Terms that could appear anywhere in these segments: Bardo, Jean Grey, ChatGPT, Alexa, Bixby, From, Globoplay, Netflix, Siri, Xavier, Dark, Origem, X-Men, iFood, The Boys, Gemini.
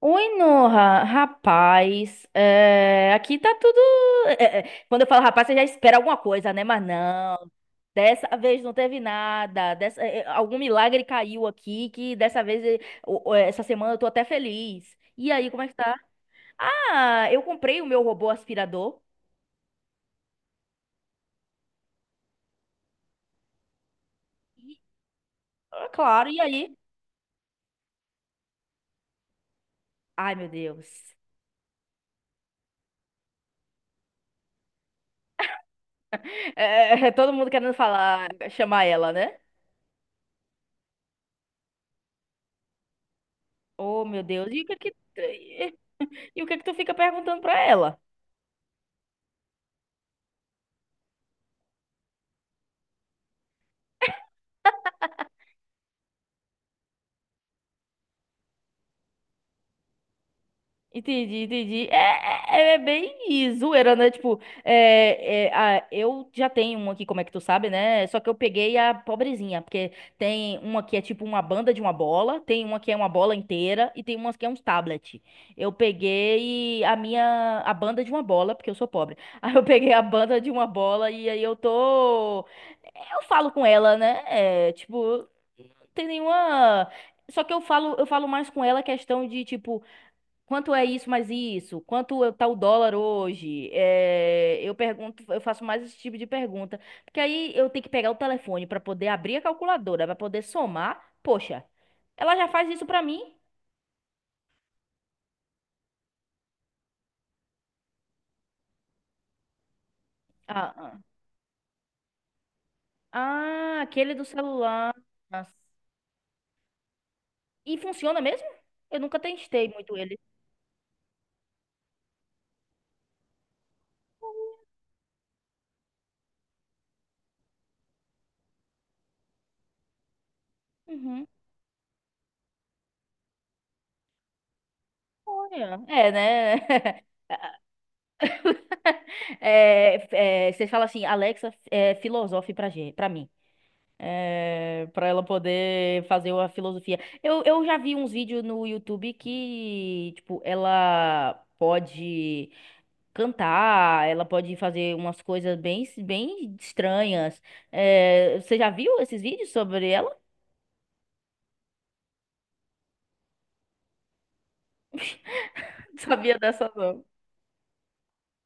Oi, Noha, rapaz, aqui tá tudo. Quando eu falo rapaz, você já espera alguma coisa, né? Mas não, dessa vez não teve nada. Algum milagre caiu aqui que dessa vez, essa semana eu tô até feliz. E aí, como é que tá? Ah, eu comprei o meu robô aspirador. E, Claro, e aí? Ai, meu Deus. É, Todo mundo querendo falar, chamar ela, né? Oh, meu Deus, e o que é que, e o que é que tu fica perguntando pra ela? Entendi, entendi. É bem zoeira, né? Tipo, eu já tenho uma aqui, como é que tu sabe, né? Só que eu peguei a pobrezinha, porque tem uma que é tipo uma banda de uma bola, tem uma que é uma bola inteira e tem uma que é uns tablet. Eu peguei a minha, a banda de uma bola, porque eu sou pobre. Aí eu peguei a banda de uma bola e aí eu tô. Eu falo com ela, né? É, tipo, não tem nenhuma. Só que eu falo mais com ela questão de, tipo. Quanto é isso mais isso? Quanto é tá o dólar hoje? Eu pergunto, eu faço mais esse tipo de pergunta, porque aí eu tenho que pegar o telefone para poder abrir a calculadora, para poder somar. Poxa, ela já faz isso para mim? Ah, ah, ah, aquele do celular. Nossa. E funciona mesmo? Eu nunca testei muito ele. Uhum. Olha, né? Você fala assim, Alexa, filosofe pra gente, para mim. Para ela poder fazer a filosofia. Eu já vi uns vídeos no YouTube que, tipo, ela pode cantar, ela pode fazer umas coisas bem, bem estranhas. Você já viu esses vídeos sobre ela? Não sabia dessa, não.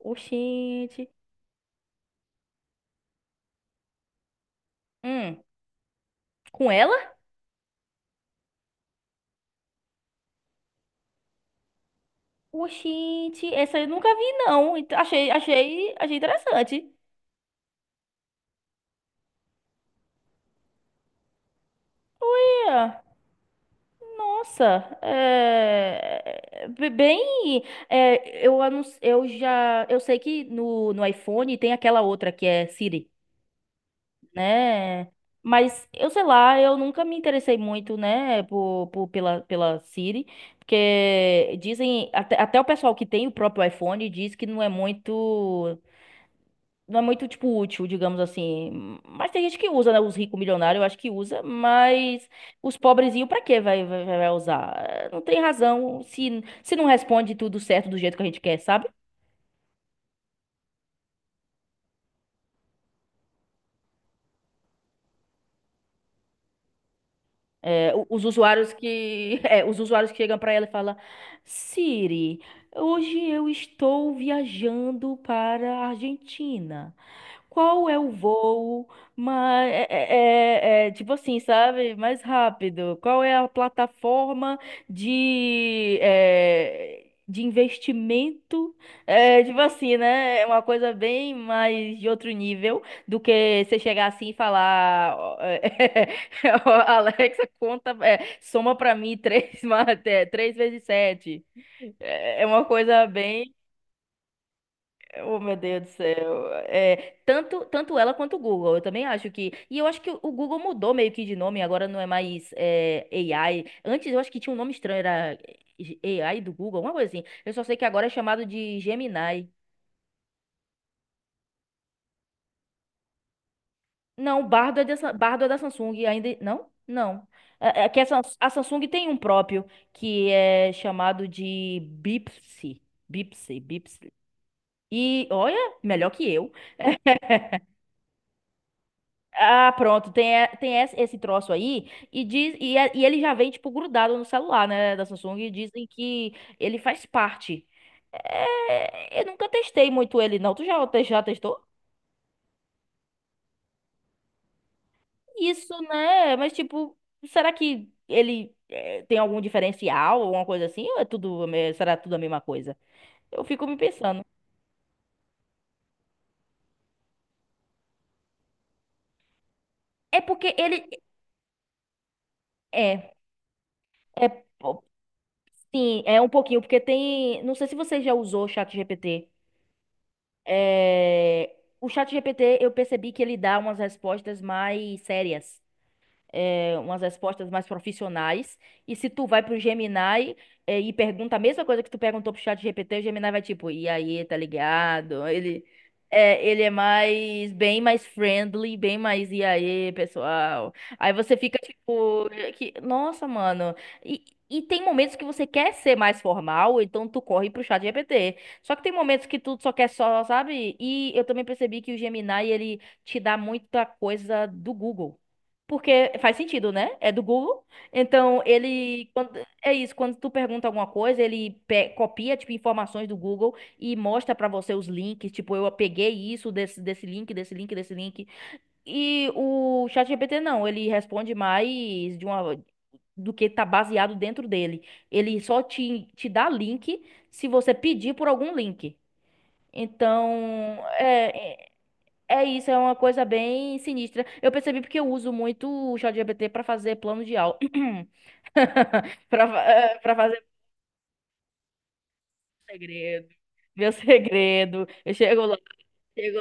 Oxente. Hum, com ela? Oxente, essa eu nunca vi, não. Então, achei interessante. É. Nossa, bem, é, eu, anun- eu já, eu sei que no iPhone tem aquela outra que é Siri, né? Mas eu sei lá, eu nunca me interessei muito, né, pela Siri, porque dizem, até o pessoal que tem o próprio iPhone diz que não é muito, tipo, útil, digamos assim. Mas tem gente que usa, né? Os ricos milionários, eu acho que usa, mas os pobrezinhos, pra quê vai usar? Não tem razão se não responde tudo certo do jeito que a gente quer, sabe? Os usuários que chegam pra ela e falam, Siri, hoje eu estou viajando para a Argentina. Qual é o voo mais, tipo assim, sabe? Mais rápido. Qual é a plataforma de investimento? Tipo assim, né? É uma coisa bem mais de outro nível do que você chegar assim e falar: ó, ó, Alexa, conta, soma pra mim três, três vezes sete. É uma coisa bem. Oh, meu Deus do céu. Tanto ela quanto o Google, eu também acho que. E eu acho que o Google mudou meio que de nome, agora não é mais AI. Antes eu acho que tinha um nome estranho, era AI do Google, alguma coisa assim. Eu só sei que agora é chamado de Gemini. Não, Bardo é da Samsung ainda. Não? Não. É que a Samsung tem um próprio que é chamado de Bixby. Bixby, Bixby. E olha, melhor que eu. Ah, pronto, tem esse troço aí, e ele já vem, tipo, grudado no celular, né, da Samsung, e dizem que ele faz parte. Eu nunca testei muito ele, não. Já testou? Isso, né? Mas, tipo, será que tem algum diferencial, alguma coisa assim? Ou é tudo, será tudo a mesma coisa? Eu fico me pensando. É porque ele. É, é. Pô, sim, é um pouquinho, porque tem. Não sei se você já usou o ChatGPT. É, O chat GPT eu percebi que ele dá umas respostas mais sérias, umas respostas mais profissionais. E se tu vai pro Gemini, e pergunta a mesma coisa que tu perguntou pro chat GPT, o Gemini vai tipo, e aí, tá ligado? Ele é mais, bem mais friendly, bem mais, e aí, pessoal? Aí você fica tipo, que, nossa, mano. E, e tem momentos que você quer ser mais formal, então tu corre pro chat GPT. Só que tem momentos que tu só quer só, sabe? E eu também percebi que o Gemini, ele te dá muita coisa do Google. Porque faz sentido, né? É do Google. Então, ele. Quando- é isso, Quando tu pergunta alguma coisa, ele copia, tipo, informações do Google e mostra pra você os links. Tipo, eu peguei isso desse, desse link, desse link, desse link. E o ChatGPT não, ele responde mais de uma. Do que tá baseado dentro dele. Ele só te dá link se você pedir por algum link. Então, é isso, é uma coisa bem sinistra. Eu percebi porque eu uso muito o ChatGPT para fazer plano de aula. Para fazer meu segredo, meu segredo. Eu chego lá, chego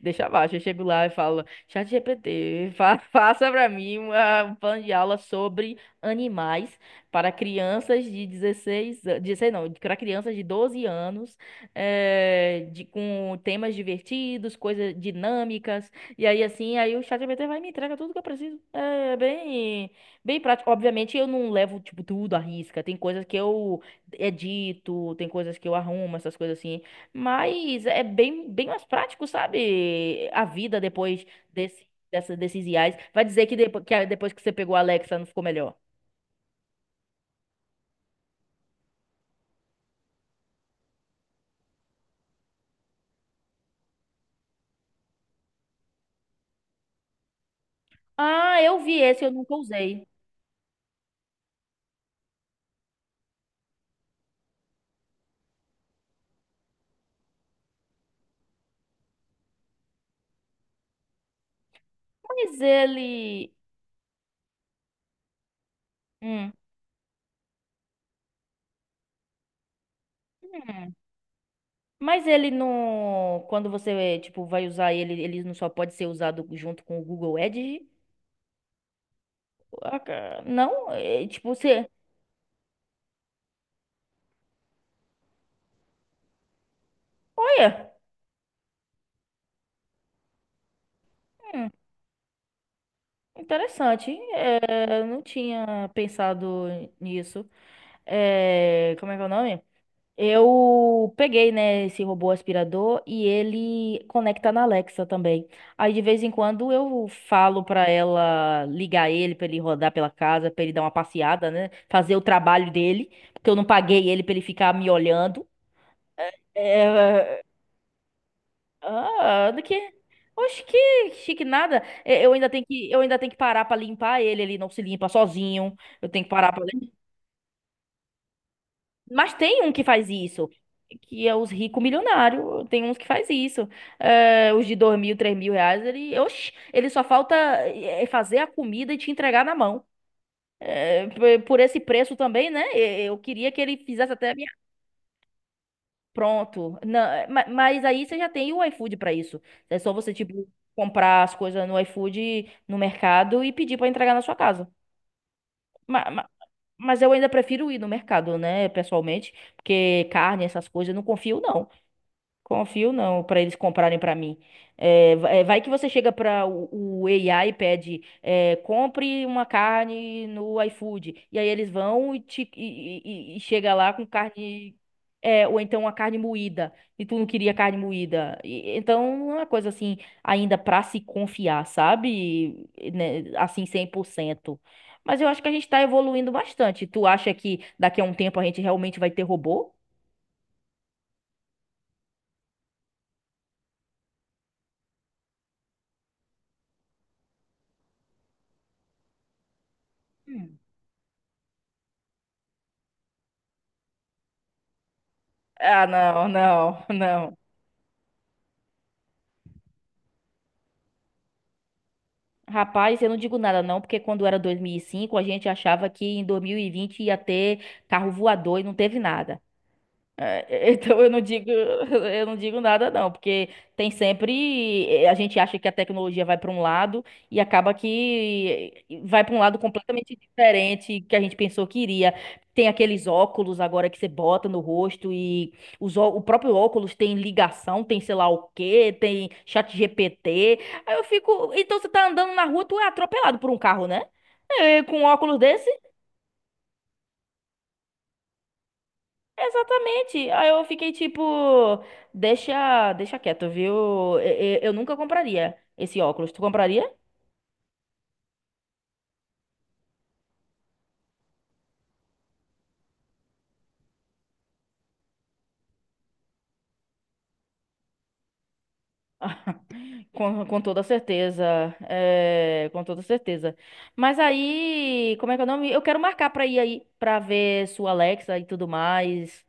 deixa abaixo. Eu chego lá e falo, ChatGPT, fa faça pra mim um plano de aula sobre animais para crianças de 16, an- 16 não, para crianças de 12 anos, com temas divertidos, coisas dinâmicas. E aí, assim, aí o ChatGPT vai e me entrega tudo que eu preciso. É bem, bem prático. Obviamente, eu não levo, tipo, tudo à risca. Tem coisas que eu edito, tem coisas que eu arrumo, essas coisas assim. Mas é bem, bem mais prático, sabe? A vida depois desses IAs. Vai dizer que, depois que você pegou a Alexa não ficou melhor. Ah, eu vi esse, eu nunca usei. Mas ele. Hum. Hum. Mas ele não. Quando você, tipo, vai usar ele, ele não só pode ser usado junto com o Google Edge? Não? É, tipo, você. Olha! hum, Interessante. Eu não tinha pensado nisso. Como é que é o nome? Eu peguei, né, esse robô aspirador e ele conecta na Alexa também. Aí de vez em quando eu falo pra ela ligar ele pra ele rodar pela casa, pra ele dar uma passeada, né, fazer o trabalho dele, porque eu não paguei ele pra ele ficar me olhando. É. Ah, do que? Oxe, que chique nada. Eu ainda tenho que, parar pra limpar ele, ele não se limpa sozinho. Eu tenho que parar para Mas tem um que faz isso, que é os ricos milionários. Tem uns que faz isso. Os de 2.000, R$ 3.000, ele só falta fazer a comida e te entregar na mão. Por esse preço também, né? Eu queria que ele fizesse até a minha. Pronto. Não, mas aí você já tem o iFood para isso. É só você, tipo, comprar as coisas no iFood, no mercado e pedir para entregar na sua casa. Ma- ma- Mas eu ainda prefiro ir no mercado, né, pessoalmente, porque carne, essas coisas, eu não confio, não. Confio não, para eles comprarem para mim. Vai que você chega para o AI e pede, compre uma carne no iFood. E aí eles vão e, te, e chega lá com carne. Ou então uma carne moída. E tu não queria carne moída. Então não é uma coisa assim, ainda para se confiar, sabe? E, né, assim, 100%. Mas eu acho que a gente tá evoluindo bastante. Tu acha que daqui a um tempo a gente realmente vai ter robô? Hum. Ah, não, não, não. Rapaz, eu não digo nada não, porque quando era 2005 a gente achava que em 2020 ia ter carro voador e não teve nada. Então eu não digo, eu não digo nada não, porque tem sempre a gente acha que a tecnologia vai para um lado e acaba que vai para um lado completamente diferente que a gente pensou que iria. Tem aqueles óculos agora que você bota no rosto e o próprio óculos tem ligação, tem sei lá o quê, tem chat GPT. Aí eu fico, então você tá andando na rua, tu é atropelado por um carro, né? Com um óculos desse. Exatamente. Aí eu fiquei tipo, deixa, deixa quieto, viu? Eu nunca compraria esse óculos. Tu compraria? Com toda certeza. Com toda certeza. Mas aí, como é que é o nome? Eu quero marcar pra ir aí, pra ver sua Alexa e tudo mais.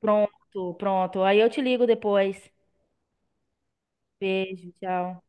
Pronto, pronto. Aí eu te ligo depois. Beijo, tchau.